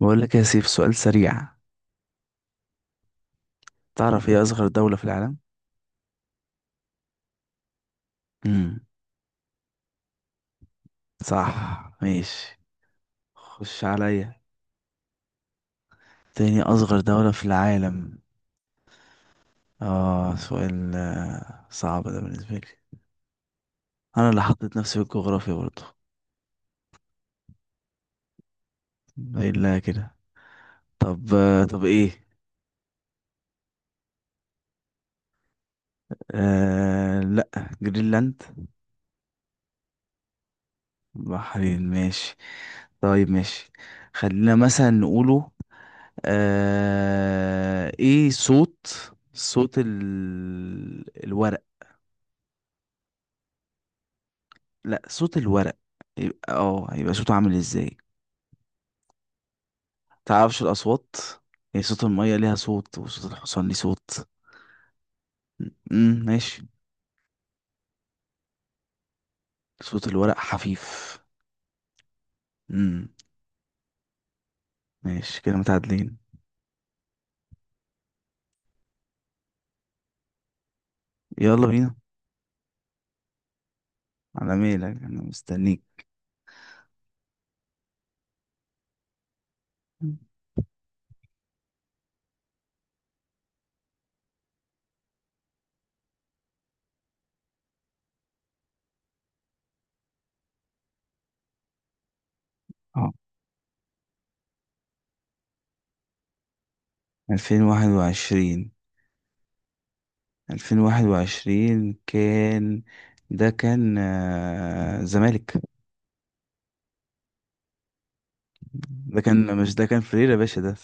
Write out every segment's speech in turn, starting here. بقول لك يا سيف سؤال سريع. تعرف ايه اصغر دولة في العالم؟ امم صح. ماشي. خش عليا. تاني اصغر دولة في العالم. اه سؤال صعب ده بالنسبة لي. انا اللي حطيت نفسي في الجغرافيا برضه. الا كده. طب طب ايه. لا. جرينلاند. بحرين ماشي. طيب ماشي. خلينا مثلا نقوله. ايه صوت. صوت ال... الورق. لا صوت الورق. يبقى هيبقى صوته عامل ازاي؟ تعرفش الاصوات؟ يعني صوت المية ليها صوت، وصوت الحصان ليه صوت. ماشي. صوت الورق حفيف. امم ماشي كده متعادلين. يلا بينا. على ميلك انا مستنيك. مم. اه، 2021 2021 كان. ده كان زمالك. ده كان مش ده كان فريرة يا باشا ده.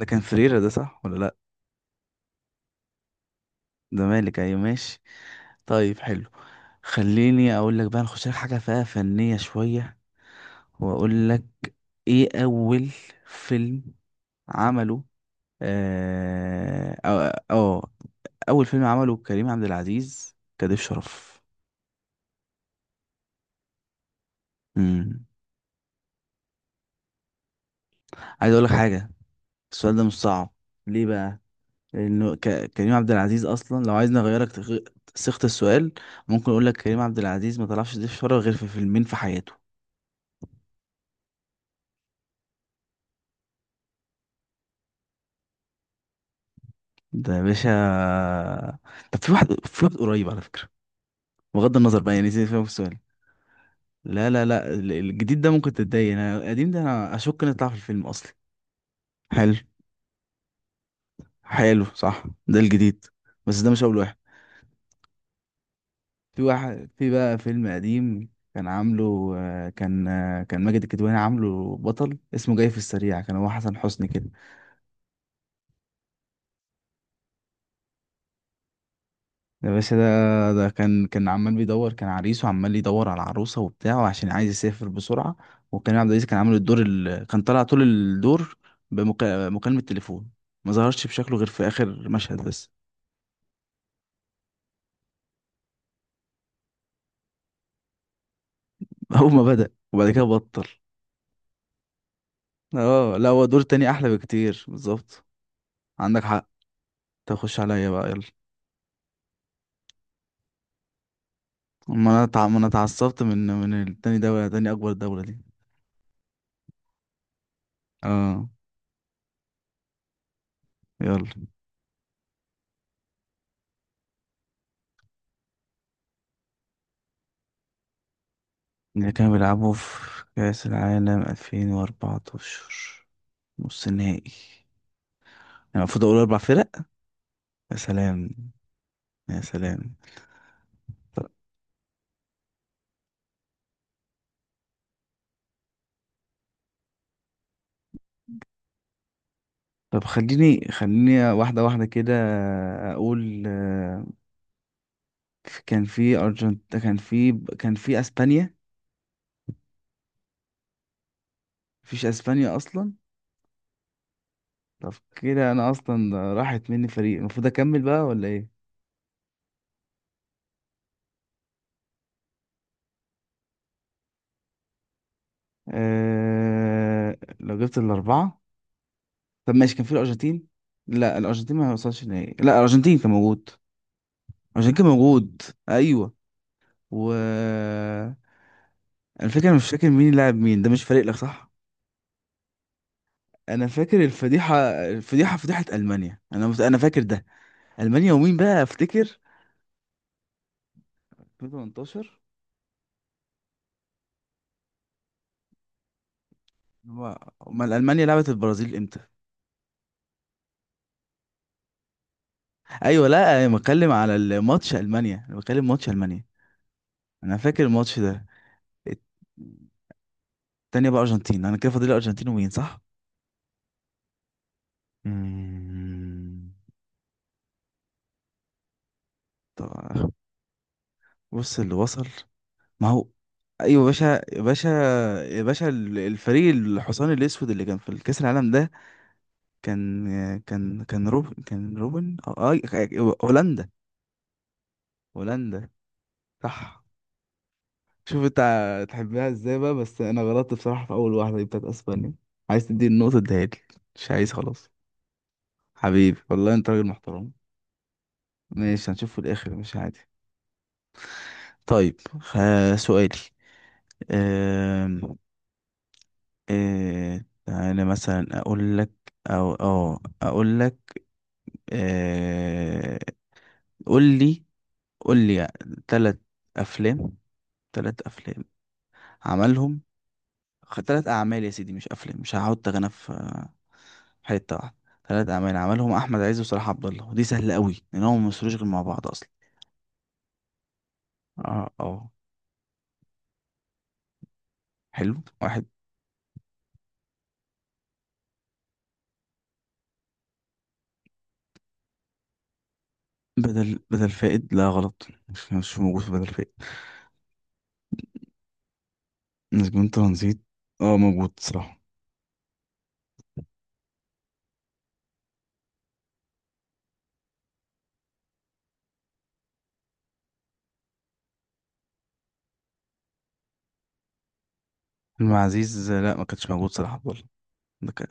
ده كان فريرة، ده صح ولا لا؟ زمالك ايوه ماشي. طيب حلو. خليني اقول لك بقى نخش لك حاجه فيها فنيه شويه، واقول لك ايه اول فيلم عمله. اه اه آه، اول فيلم عمله كريم عبد العزيز كضيف شرف. امم عايز اقول لك حاجه. السؤال ده مش صعب. ليه بقى؟ لانه كريم عبد العزيز اصلا لو عايز نغيرك صيغه السؤال. ممكن اقول لك كريم عبد العزيز ما طلعش ضيف شرف غير في فيلمين في حياته. ده يا باشا. طب في واحد قريب على فكره. بغض النظر بقى، يعني سيب فيها السؤال. لا لا لا، الجديد ده ممكن تتضايق، انا القديم ده انا اشك نطلع في الفيلم اصلا. حلو. حلو صح ده الجديد. بس ده مش اول واحد. في واحد، في بقى فيلم قديم كان عامله، كان ماجد الكدواني عامله بطل، اسمه جاي في السريع، كان هو حسن حسني كده. ده باشا. ده كان عمال بيدور، كان عريس وعمال يدور على العروسة وبتاع عشان عايز يسافر بسرعة. وكان عبد العزيز كان عامل كان طالع طول الدور بمكالمة تليفون. ما ظهرش بشكله غير في آخر مشهد بس. أول ما بدأ، وبعد كده بطل. اه لا هو دور تاني أحلى بكتير بالظبط. عندك حق. تخش عليا بقى يلا. ما أنا ما أنا اتعصبت من التاني دولة، تاني أكبر دولة دي. اه. يلا. اللي كانوا بيلعبوا في كأس العالم 2014، نص نهائي. انا المفروض اقول اربع فرق؟ يا سلام. يا سلام. طب طب خليني واحده واحده كده، اقول كان في كان في اسبانيا. مفيش اسبانيا اصلا؟ طب كده انا اصلا راحت مني فريق، المفروض اكمل بقى ولا ايه؟ لو جبت الاربعه. طب ماشي، كان في الارجنتين. لا الارجنتين ما وصلش نهائي، لا الارجنتين كان موجود. الارجنتين كان موجود. ايوه. و... انا فاكر، مش فاكر مين لعب مين، ده مش فارق لك صح. انا فاكر الفضيحه. الفضيحه فضيحه المانيا، انا انا فاكر ده. المانيا، ومين بقى افتكر. 2018؟ هو امال المانيا لعبت البرازيل امتى؟ ايوه لا انا بتكلم على الماتش المانيا، انا بتكلم ماتش المانيا. انا فاكر الماتش ده. الت- التانية بقى ارجنتين، انا كده فاضل الارجنتين ومين، صح؟ مم. طب بص اللي وصل. ما هو... ايوه يا باشا. يا باشا يا باشا، الفريق الحصان الاسود اللي كان في الكاس العالم ده، كان روبن آه، هولندا. هولندا. صح. شوف انت تحبها ازاي بقى. بس انا غلطت بصراحة في اول واحدة دي بتاعت اسبانيا. عايز تدي النقطة اديها لي، مش عايز خلاص. حبيبي والله انت راجل محترم. ماشي هنشوف في الاخر مش عادي. طيب سؤالي. أم... انا مثلا اقول لك، او اه اقول لك. أه... قول لي، قول لي ثلاث افلام. ثلاث افلام عملهم تلات أعمال يا سيدي مش أفلام، مش هحط غنى في في حتة واحدة. تلات أعمال عملهم أحمد عز وصلاح عبد الله، ودي سهلة قوي لأن هم ممثلوش غير مع بعض أصلا. اه. حلو. واحد. بدل فائد لا غلط، مش موجود في بدل فائد. نسبين ترانزيت. اه موجود صراحة. فيلم عزيز لا ما كانش موجود صلاح عبد الله. ده كان،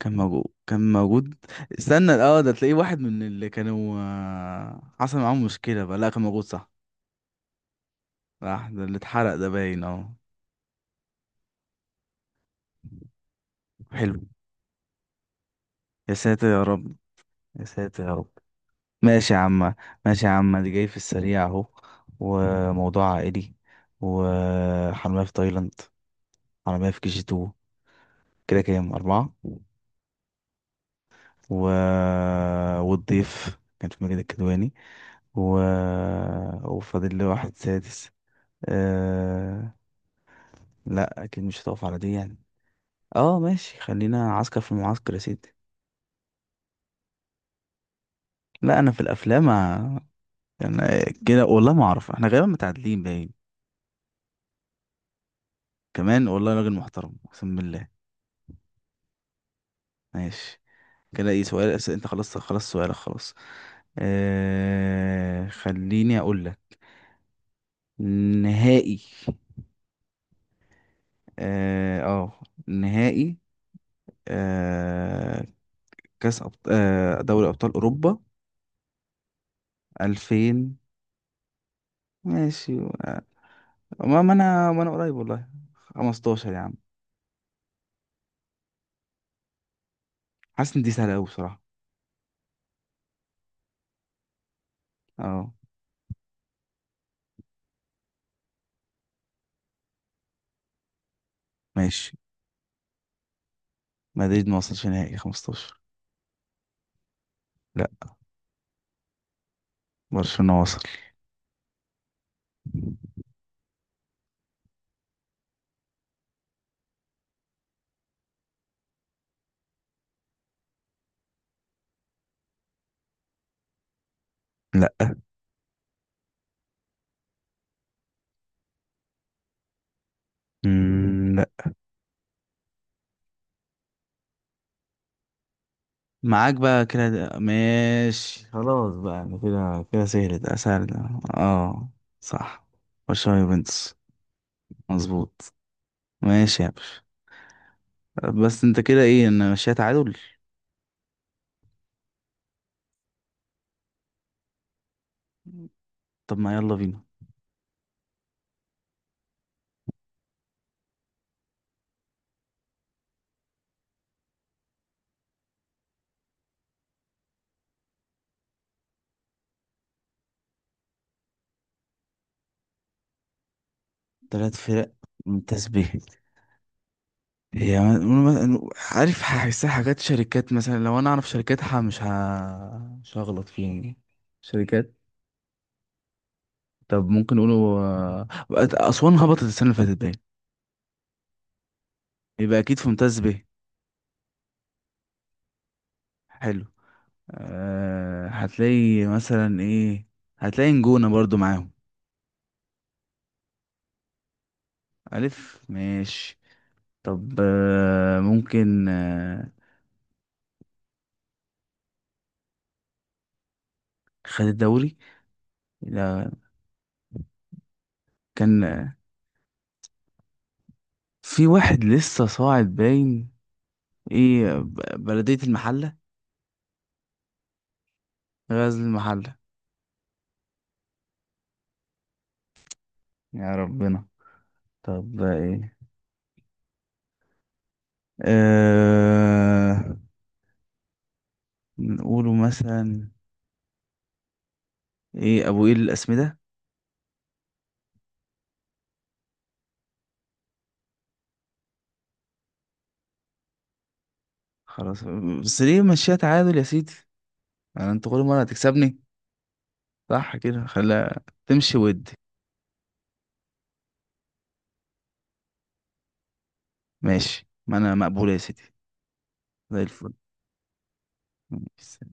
كان موجود. استنى اه، ده تلاقيه واحد من اللي كانوا حصل معاهم مشكلة بقى، لا كان موجود صح. راح ده اللي اتحرق ده باين اه. حلو. يا ساتر يا رب. يا ساتر يا رب. ماشي يا عم. ماشي يا عم دي جاي في السريع اهو. وموضوع عائلي. وحرامية في تايلاند. حرامية في كي جي تو. كده كام أربعة والضيف كان في ماجد الكدواني. و... وفاضل لي واحد سادس. أه... لا أكيد مش هتقف على دي يعني. اه ماشي، خلينا عسكر في المعسكر يا سيدي. لا أنا في الأفلام. أنا كده والله ما أعرف، احنا غالبا متعادلين باين. كمان والله راجل محترم اقسم بالله. ماشي. كده ايه سؤال انت خلصت خلاص؟ سؤالك خلاص. خليني اقول لك نهائي. اه آه، نهائي. آه كاس أبط... آه دوري ابطال اوروبا 2000. ماشي. آه، ما ما انا ما انا قريب والله. 15 يا عم. حاسس ان دي سهله قوي بصراحه. اه. ماشي. مدريد ما وصلش نهائي 15 لا. برشلونه وصل. لا. لا. معاك بقى كده، ماشي خلاص بقى، يعني كده كده سهلت اسهل ده. اه. صح. برشلونة يوفنتوس. مظبوط. ماشي يا باشا. بس انت كده ايه، انا ماشيها تعادل. طب ما يلا بينا. تلات فرق ممتاز به. هي عارف هحسها حاجات شركات مثلا، لو انا اعرف شركاتها مش هغلط فيها يعني. شركات. طب ممكن نقوله آه، اسوان هبطت السنة اللي فاتت باين، يبقى اكيد في ممتاز به. حلو. أه هتلاقي مثلا ايه، هتلاقي نجونة برضو معاهم. ألف ماشي. طب أه ممكن أه خد الدوري؟ لا. كان في واحد لسه صاعد باين. ايه ب- بلدية المحلة. غزل المحلة. يا ربنا. طب ده ايه؟ أه نقوله مثلا ايه، ابو ايه الاسمدة. خلاص. بس ليه ماشية تعادل يا سيدي؟ انا انت كل مرة هتكسبني. صح كده خليها تمشي ود. ماشي ما انا مقبولة يا سيدي. زي الفل. ماشي.